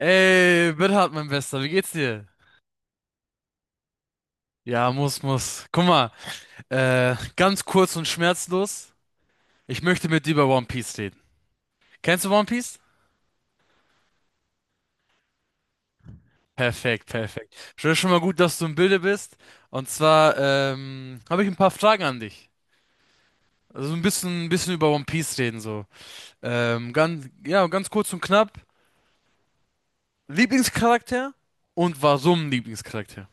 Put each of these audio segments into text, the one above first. Ey, Bernhard, mein Bester, wie geht's dir? Ja, muss. Guck mal, ganz kurz und schmerzlos. Ich möchte mit dir über One Piece reden. Kennst du One Piece? Perfekt, perfekt. Schon mal gut, dass du im Bilde bist. Und zwar, habe ich ein paar Fragen an dich. Also ein bisschen über One Piece reden, so. Ganz, ja, ganz kurz und knapp. Lieblingscharakter und warum Lieblingscharakter?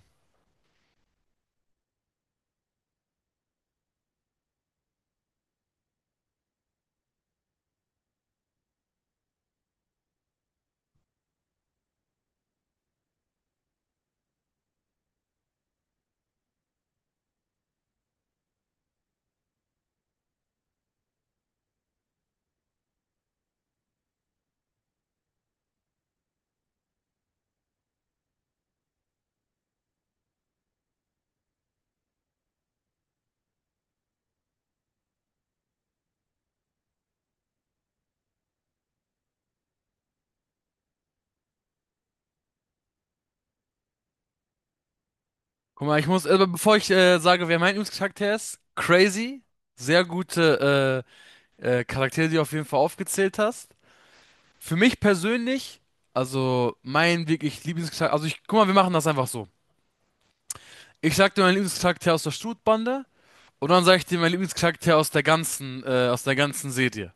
Guck mal, ich muss, bevor ich sage, wer mein Lieblingscharakter ist, Crazy, sehr gute Charaktere, die du auf jeden Fall aufgezählt hast. Für mich persönlich, also mein wirklich Lieblingscharakter, also ich, guck mal, wir machen das einfach so. Ich sag dir meinen Lieblingscharakter aus der Strutbande und dann sag ich dir meinen Lieblingscharakter aus der ganzen Serie.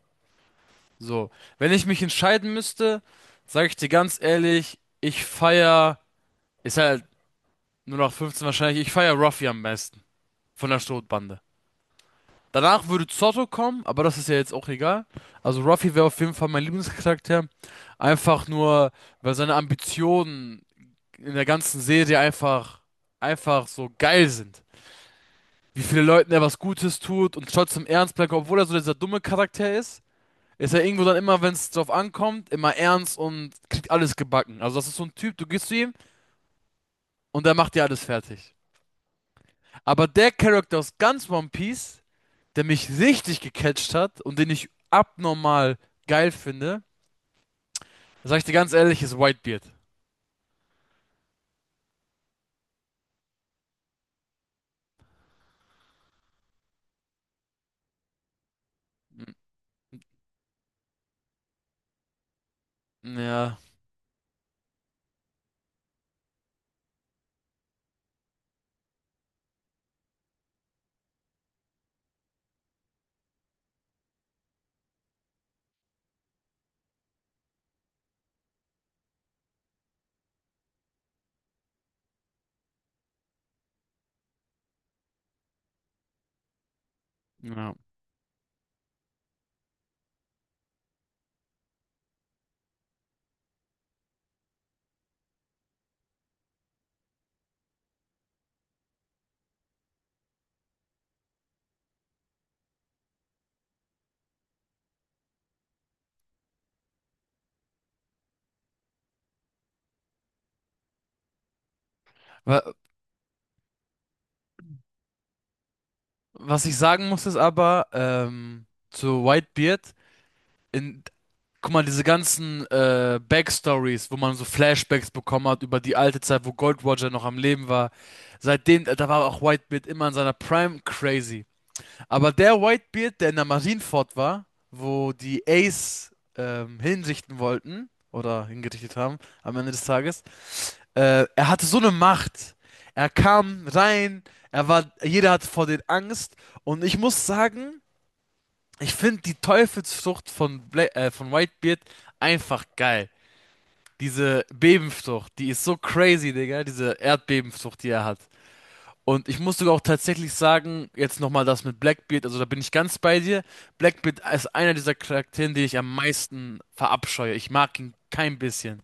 So, wenn ich mich entscheiden müsste, sage ich dir ganz ehrlich, ich feier, ist halt nur noch 15 wahrscheinlich, ich feier Ruffy am besten von der Strutbande. Danach würde Zotto kommen, aber das ist ja jetzt auch egal. Also Ruffy wäre auf jeden Fall mein Lieblingscharakter. Einfach nur, weil seine Ambitionen in der ganzen Serie einfach so geil sind. Wie viele Leuten er was Gutes tut und trotzdem ernst bleibt, obwohl er so dieser dumme Charakter ist, ist er irgendwo dann immer, wenn es drauf ankommt, immer ernst und kriegt alles gebacken. Also das ist so ein Typ, du gehst zu ihm und er macht dir alles fertig. Aber der Charakter aus ganz One Piece, der mich richtig gecatcht hat und den ich abnormal geil finde, sag ich dir ganz ehrlich, ist Whitebeard. N- Ja, ja. Wa- Was ich sagen muss, ist aber, zu Whitebeard, in, guck mal, diese ganzen Backstories, wo man so Flashbacks bekommen hat über die alte Zeit, wo Gold Roger noch am Leben war, seitdem, da war auch Whitebeard immer in seiner Prime crazy. Aber der Whitebeard, der in der Marineford war, wo die Ace hinrichten wollten oder hingerichtet haben am Ende des Tages, er hatte so eine Macht. Er kam rein, er war, jeder hatte vor den Angst und ich muss sagen, ich finde die Teufelsfrucht von Bla von Whitebeard einfach geil. Diese Bebenfrucht, die ist so crazy, Digga, diese Erdbebenfrucht, die er hat. Und ich muss sogar auch tatsächlich sagen, jetzt nochmal das mit Blackbeard, also da bin ich ganz bei dir. Blackbeard ist einer dieser Charaktere, die ich am meisten verabscheue. Ich mag ihn kein bisschen.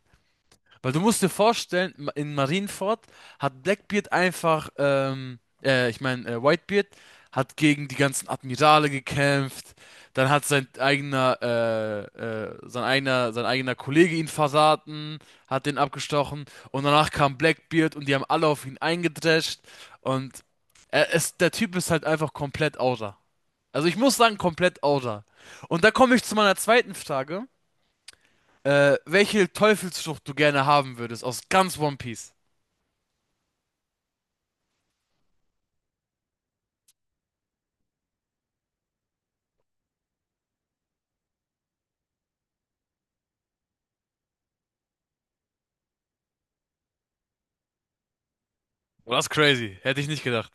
Weil du musst dir vorstellen, in Marienford hat Blackbeard einfach, ich meine, Whitebeard hat gegen die ganzen Admirale gekämpft. Dann hat sein eigener, sein eigener Kollege ihn verraten, hat den abgestochen. Und danach kam Blackbeard und die haben alle auf ihn eingedrescht. Und er ist, der Typ ist halt einfach komplett outer. Also ich muss sagen, komplett outer. Und da komme ich zu meiner zweiten Frage. Welche Teufelsfrucht du gerne haben würdest aus ganz One Piece? Oh, das ist crazy. Hätte ich nicht gedacht.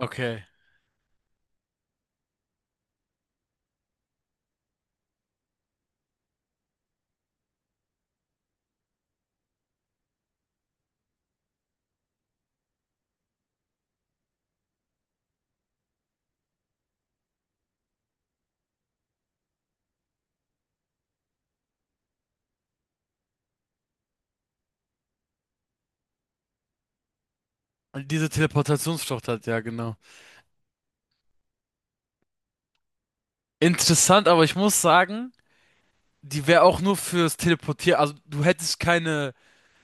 Okay. Und diese Teleportationsfrucht hat, ja, genau. Interessant, aber ich muss sagen, die wäre auch nur fürs Teleportieren. Also, du hättest keine.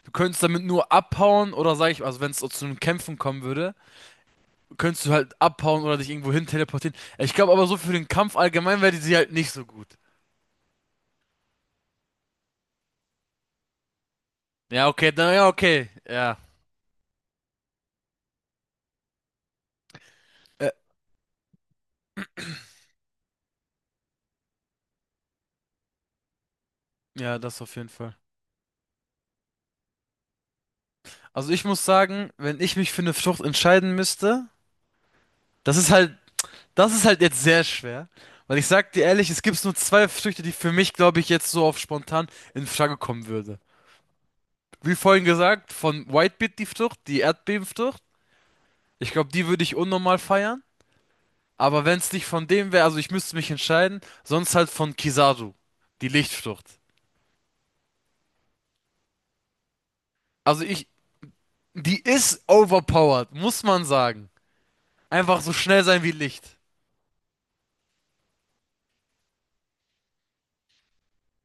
Du könntest damit nur abhauen oder sag ich, also wenn es so zu einem Kämpfen kommen würde, könntest du halt abhauen oder dich irgendwo hin teleportieren. Ich glaube aber so für den Kampf allgemein wäre die sie halt nicht so gut. Ja, okay, dann, ja, okay. Ja. Äh, ja, das auf jeden Fall. Also ich muss sagen, wenn ich mich für eine Frucht entscheiden müsste, das ist halt, das ist halt jetzt sehr schwer. Weil ich sag dir ehrlich, es gibt nur zwei Früchte, die für mich, glaube ich, jetzt so auf spontan in Frage kommen würde. Wie vorhin gesagt, von Whitebeet die Frucht, die Erdbebenfrucht. Ich glaube, die würde ich unnormal feiern. Aber wenn es nicht von dem wäre, also ich müsste mich entscheiden, sonst halt von Kizaru, die Lichtfrucht. Also ich, die ist overpowered, muss man sagen. Einfach so schnell sein wie Licht.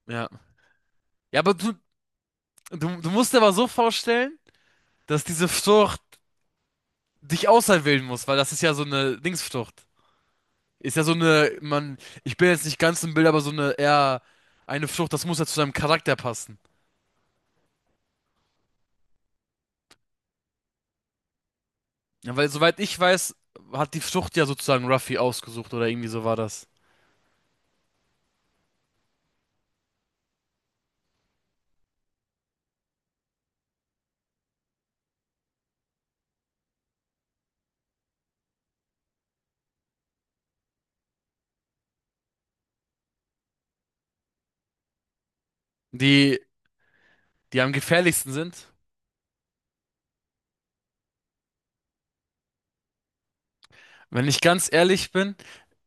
Ja. Ja, aber du, Du musst dir aber so vorstellen, dass diese Frucht dich auserwählen muss, weil das ist ja so eine Dingsfrucht. Ist ja so eine, man, ich bin jetzt nicht ganz im Bild, aber so eine eher eine Frucht, das muss ja zu deinem Charakter passen. Ja, weil soweit ich weiß, hat die Frucht ja sozusagen Ruffy ausgesucht oder irgendwie so war das. Die, die am gefährlichsten sind. Wenn ich ganz ehrlich bin,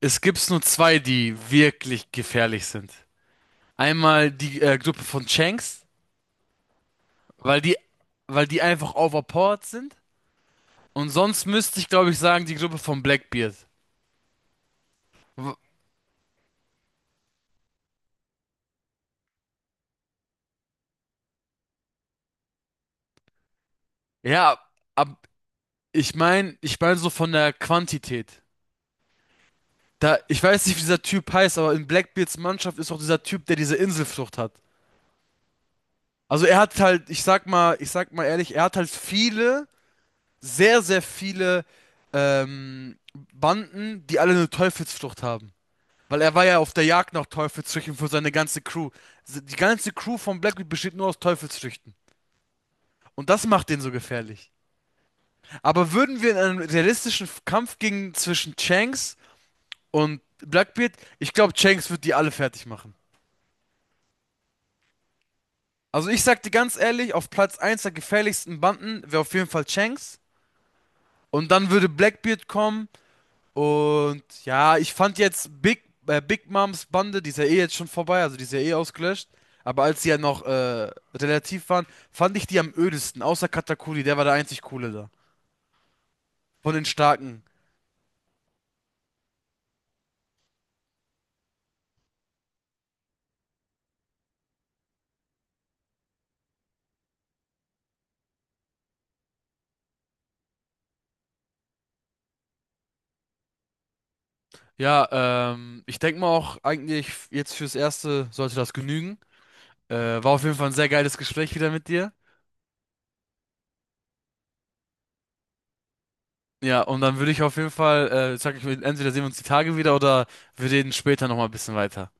es gibt nur zwei, die wirklich gefährlich sind. Einmal die Gruppe von Shanks, weil die, weil die einfach overpowered sind. Und sonst müsste ich, glaube ich, sagen, die Gruppe von Blackbeard. W- Ja, ab, ich meine so von der Quantität. Da, ich weiß nicht, wie dieser Typ heißt, aber in Blackbeards Mannschaft ist auch dieser Typ, der diese Inselflucht hat. Also er hat halt, ich sag mal ehrlich, er hat halt viele, sehr, sehr viele ähm, Banden, die alle eine Teufelsflucht haben. Weil er war ja auf der Jagd nach Teufelsfrüchten für seine ganze Crew. Die ganze Crew von Blackbeard besteht nur aus Teufelsfrüchten. Und das macht den so gefährlich. Aber würden wir in einem realistischen Kampf gegen zwischen Shanks und Blackbeard, ich glaube, Shanks wird die alle fertig machen. Also ich sag dir ganz ehrlich, auf Platz eins der gefährlichsten Banden wäre auf jeden Fall Shanks. Und dann würde Blackbeard kommen. Und ja, ich fand jetzt Big Moms Bande, die ist ja eh jetzt schon vorbei, also die ist ja eh ausgelöscht. Aber als sie ja noch relativ waren, fand ich die am ödesten, außer Katakuri, der war der einzig coole da. Von den Starken. Ja, ich denke mal auch eigentlich jetzt fürs Erste sollte das genügen. Äh, War auf jeden Fall ein sehr geiles Gespräch wieder mit dir. Ja, und dann würde ich auf jeden Fall, sag ich mir, entweder sehen wir uns die Tage wieder oder wir reden später nochmal ein bisschen weiter.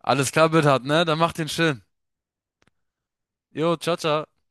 Alles klar, Bernhard, ne? Dann mach den schön. Jo, ciao, ciao.